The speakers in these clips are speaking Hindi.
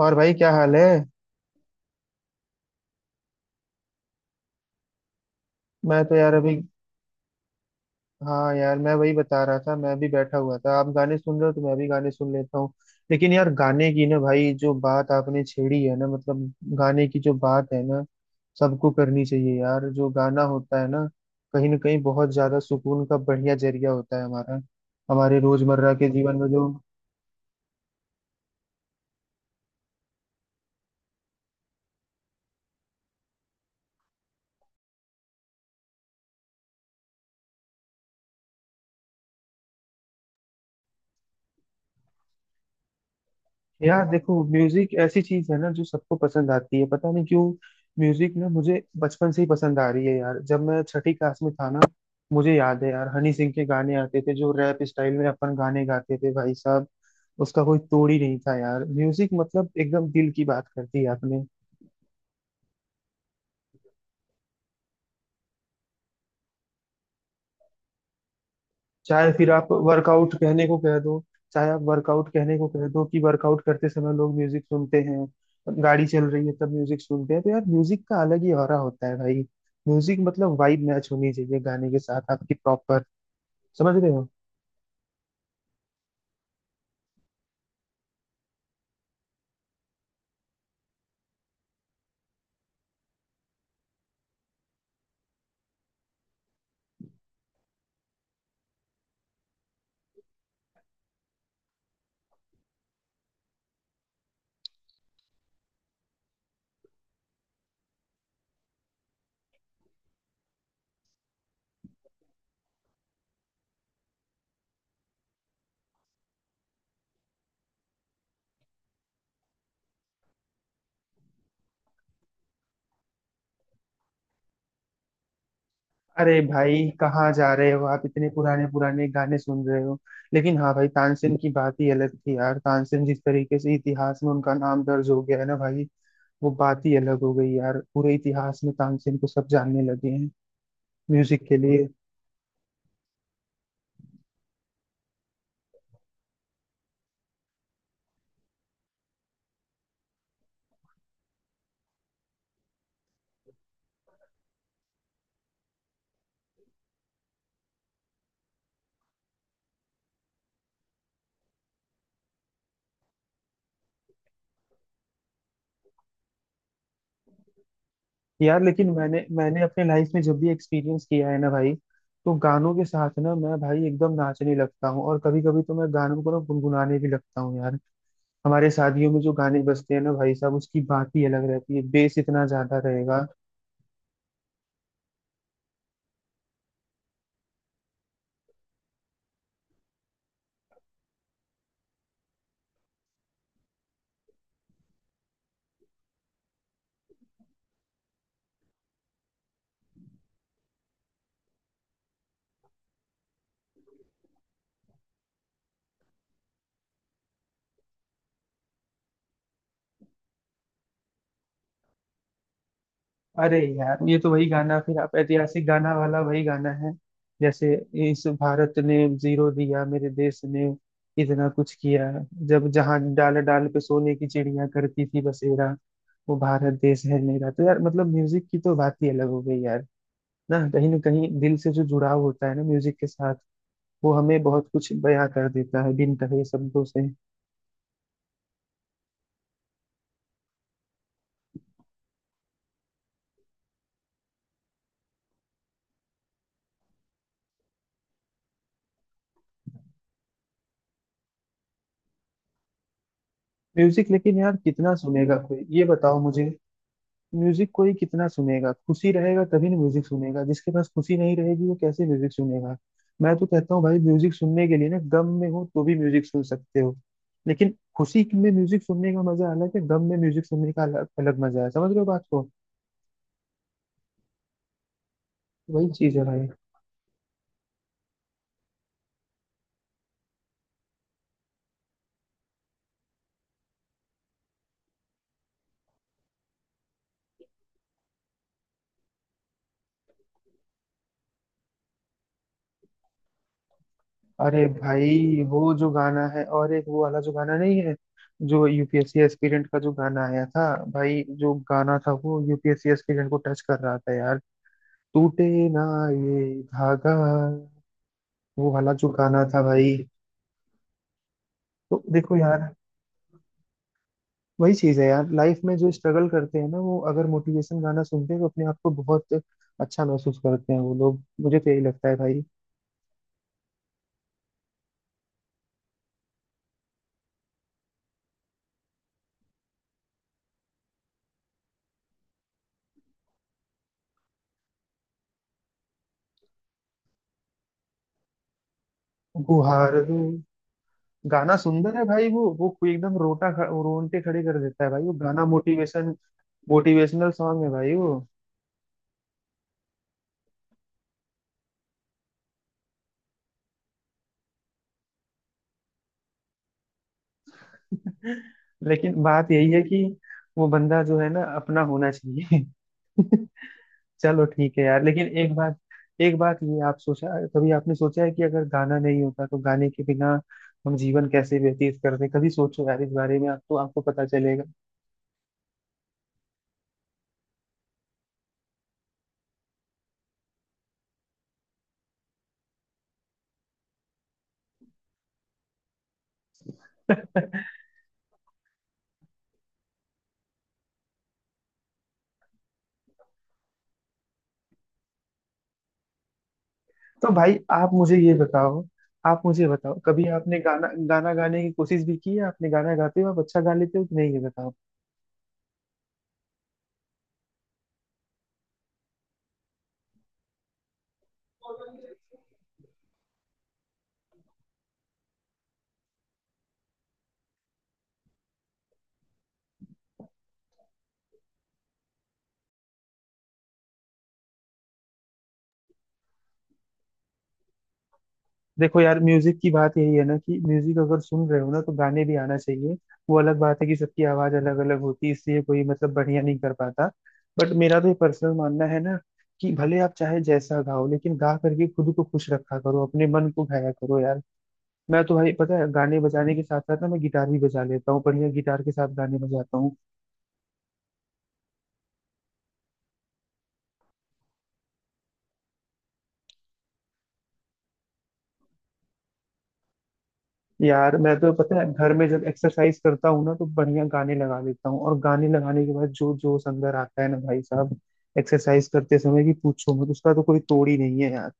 और भाई क्या हाल है। मैं तो यार अभी। हाँ यार, मैं वही बता रहा था, मैं भी बैठा हुआ था। आप गाने सुन रहे हो तो मैं भी गाने सुन लेता हूँ। लेकिन यार गाने की ना, भाई जो बात आपने छेड़ी है ना, मतलब गाने की जो बात है ना, सबको करनी चाहिए यार। जो गाना होता है ना, कहीं ना कहीं बहुत ज्यादा सुकून का बढ़िया जरिया होता है हमारा, हमारे रोजमर्रा के जीवन में जो। यार देखो, म्यूजिक ऐसी चीज है ना जो सबको पसंद आती है, पता नहीं क्यों। म्यूजिक ना मुझे बचपन से ही पसंद आ रही है यार। जब मैं छठी क्लास में था ना, मुझे याद है यार, हनी सिंह के गाने आते थे जो रैप स्टाइल में अपन गाने गाते थे भाई साहब। उसका कोई तोड़ ही नहीं था यार। म्यूजिक मतलब एकदम दिल की बात कर दी आपने। चाहे फिर आप वर्कआउट कहने को कह दो, चाहे आप वर्कआउट कहने को कह दो कि वर्कआउट करते समय लोग म्यूजिक सुनते हैं। गाड़ी चल रही है तब म्यूजिक सुनते हैं। तो यार म्यूजिक का अलग ही ऑरा होता है भाई। म्यूजिक मतलब वाइब मैच होनी चाहिए गाने के साथ आपकी प्रॉपर। समझ रहे हो। अरे भाई, कहाँ जा रहे हो आप, इतने पुराने पुराने गाने सुन रहे हो। लेकिन हाँ भाई, तानसेन की बात ही अलग थी यार। तानसेन जिस तरीके से इतिहास में उनका नाम दर्ज हो गया है ना भाई, वो बात ही अलग हो गई यार। पूरे इतिहास में तानसेन को सब जानने लगे हैं म्यूजिक के लिए। यार लेकिन मैंने मैंने अपने लाइफ में जब भी एक्सपीरियंस किया है ना भाई, तो गानों के साथ ना मैं भाई एकदम नाचने लगता हूँ, और कभी कभी तो मैं गानों को ना गुनगुनाने भी लगता हूँ यार। हमारे शादियों में जो गाने बजते हैं ना भाई साहब, उसकी बात ही अलग रहती है, बेस इतना ज्यादा रहेगा। अरे यार, ये तो वही गाना, फिर आप ऐतिहासिक गाना वाला वही गाना है। जैसे इस भारत ने जीरो दिया, मेरे देश ने इतना कुछ किया, जब जहां डाल डाल पे सोने की चिड़िया करती थी बसेरा, वो भारत देश है मेरा। तो यार मतलब म्यूजिक की तो बात ही अलग हो गई यार। ना कहीं दिल से जो जुड़ाव होता है ना म्यूजिक के साथ, वो हमें बहुत कुछ बयां कर देता है बिन कहे शब्दों से। म्यूजिक लेकिन यार कितना सुनेगा कोई, ये बताओ मुझे। म्यूजिक कोई कितना सुनेगा, खुशी रहेगा तभी ना म्यूजिक सुनेगा। जिसके पास खुशी नहीं रहेगी वो कैसे म्यूजिक सुनेगा। मैं तो कहता हूँ भाई, म्यूजिक सुनने के लिए ना, गम में हो तो भी म्यूजिक सुन सकते हो। लेकिन खुशी में म्यूजिक सुनने का मजा अलग है, गम में म्यूजिक सुनने का अलग मजा है। समझ रहे हो बात को। वही चीज है भाई। अरे भाई, वो जो गाना है, और एक वो वाला जो गाना नहीं है, जो यूपीएससी एस्पिरेंट का जो गाना आया था, भाई जो गाना था वो यूपीएससी एस्पिरेंट को टच कर रहा था यार। टूटे ना ये धागा, वो वाला जो गाना था भाई। तो देखो यार, वही चीज है यार, लाइफ में जो स्ट्रगल करते हैं ना, वो अगर मोटिवेशन गाना सुनते हैं तो अपने आप को बहुत अच्छा महसूस करते हैं वो लोग। मुझे तो यही लगता है भाई। गुहार दो। गाना सुंदर है भाई वो कोई एकदम रोंगटे खड़े कर देता है भाई, वो गाना मोटिवेशन, मोटिवेशनल सॉन्ग है भाई वो। लेकिन बात यही है कि वो बंदा जो है ना अपना होना चाहिए। चलो ठीक है यार, लेकिन एक बात, एक बात ये, आप सोचा, कभी आपने सोचा है कि अगर गाना नहीं होता तो गाने के बिना हम जीवन कैसे व्यतीत करते। कभी सोचो यार इस बारे में, आपको आपको पता चलेगा। तो भाई आप मुझे ये बताओ, आप मुझे बताओ, कभी आपने गाना गाना गाने की कोशिश भी की है? आपने गाना गाते हो, आप अच्छा गा लेते हो कि नहीं, ये देखो यार। म्यूजिक की बात यही है ना कि म्यूजिक अगर सुन रहे हो ना तो गाने भी आना चाहिए। वो अलग बात है कि सबकी आवाज अलग अलग होती है, इसलिए कोई मतलब बढ़िया नहीं कर पाता। बट मेरा तो ये पर्सनल मानना है ना कि भले आप चाहे जैसा गाओ, लेकिन गा करके खुद को खुश रखा करो, अपने मन को गाया करो यार। मैं तो भाई पता है, गाने बजाने के साथ साथ ना, मैं गिटार भी बजा लेता हूँ बढ़िया, गिटार के साथ गाने बजाता हूँ। यार मैं तो पता है, घर में जब एक्सरसाइज करता हूँ ना, तो बढ़िया गाने लगा लेता हूँ, और गाने लगाने के बाद जो जोश अंदर आता है ना भाई साहब, एक्सरसाइज करते समय, कि पूछो मत, उसका तो कोई तोड़ ही नहीं है यार।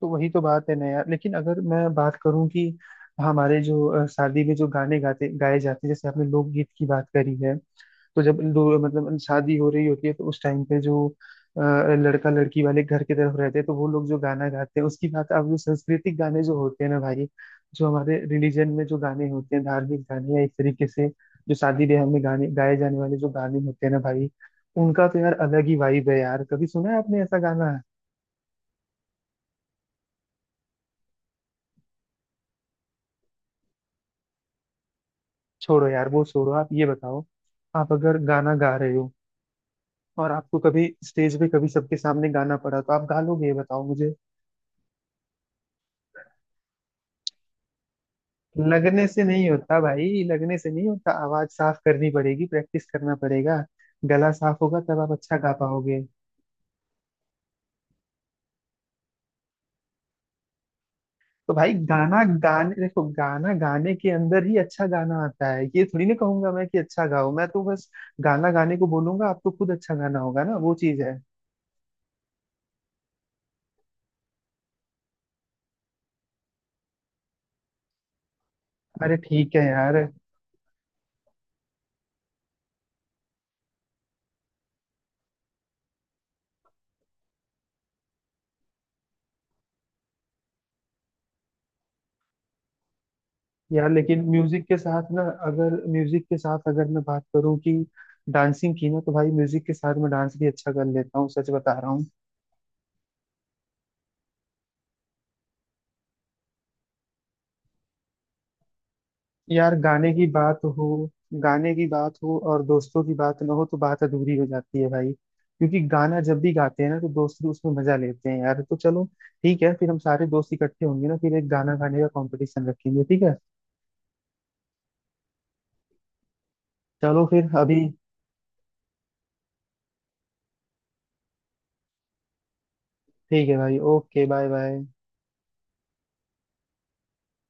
तो वही तो बात है ना यार। लेकिन अगर मैं बात करूं कि हमारे जो शादी में जो गाने गाते गाए जाते हैं, जैसे आपने लोकगीत की बात करी है, तो जब दो मतलब शादी हो रही होती है तो उस टाइम पे जो अ, लड़का लड़की वाले घर की तरफ रहते हैं, तो वो लोग जो गाना गाते हैं उसकी बात, अब जो सांस्कृतिक गाने जो होते हैं ना भाई, जो हमारे रिलीजन में जो गाने होते हैं धार्मिक गाने, या एक तरीके से जो शादी ब्याह में गाने गाए जाने वाले जो गाने होते हैं ना भाई, उनका तो यार अलग ही वाइब है यार। कभी सुना है आपने ऐसा गाना। छोड़ो यार वो छोड़ो, आप ये बताओ, आप अगर गाना गा रहे हो, और आपको कभी स्टेज पे, कभी सबके सामने गाना पड़ा, तो आप गा लोगे, ये बताओ मुझे। लगने से नहीं होता भाई, लगने से नहीं होता, आवाज साफ करनी पड़ेगी, प्रैक्टिस करना पड़ेगा। गला साफ होगा तब आप अच्छा गा पाओगे। तो भाई गाना गाने, देखो गाना गाने के अंदर ही अच्छा गाना आता है। ये थोड़ी ना कहूंगा मैं कि अच्छा गाओ, मैं तो बस गाना गाने को बोलूंगा, आपको खुद अच्छा गाना होगा ना, वो चीज है। अरे ठीक है यार। यार लेकिन म्यूजिक के साथ ना, अगर म्यूजिक के साथ अगर मैं बात करूँ कि डांसिंग की ना, तो भाई म्यूजिक के साथ मैं डांस भी अच्छा कर लेता हूँ, सच बता रहा हूँ। यार गाने की बात हो, गाने की बात हो और दोस्तों की बात ना हो तो बात अधूरी हो जाती है भाई, क्योंकि गाना जब भी गाते हैं ना तो दोस्त भी उसमें मजा लेते हैं यार। तो चलो ठीक है, फिर हम सारे दोस्त इकट्ठे होंगे ना, फिर एक गाना गाने का कंपटीशन रखेंगे, ठीक है। चलो फिर अभी। ठीक है भाई, ओके, बाय बाय।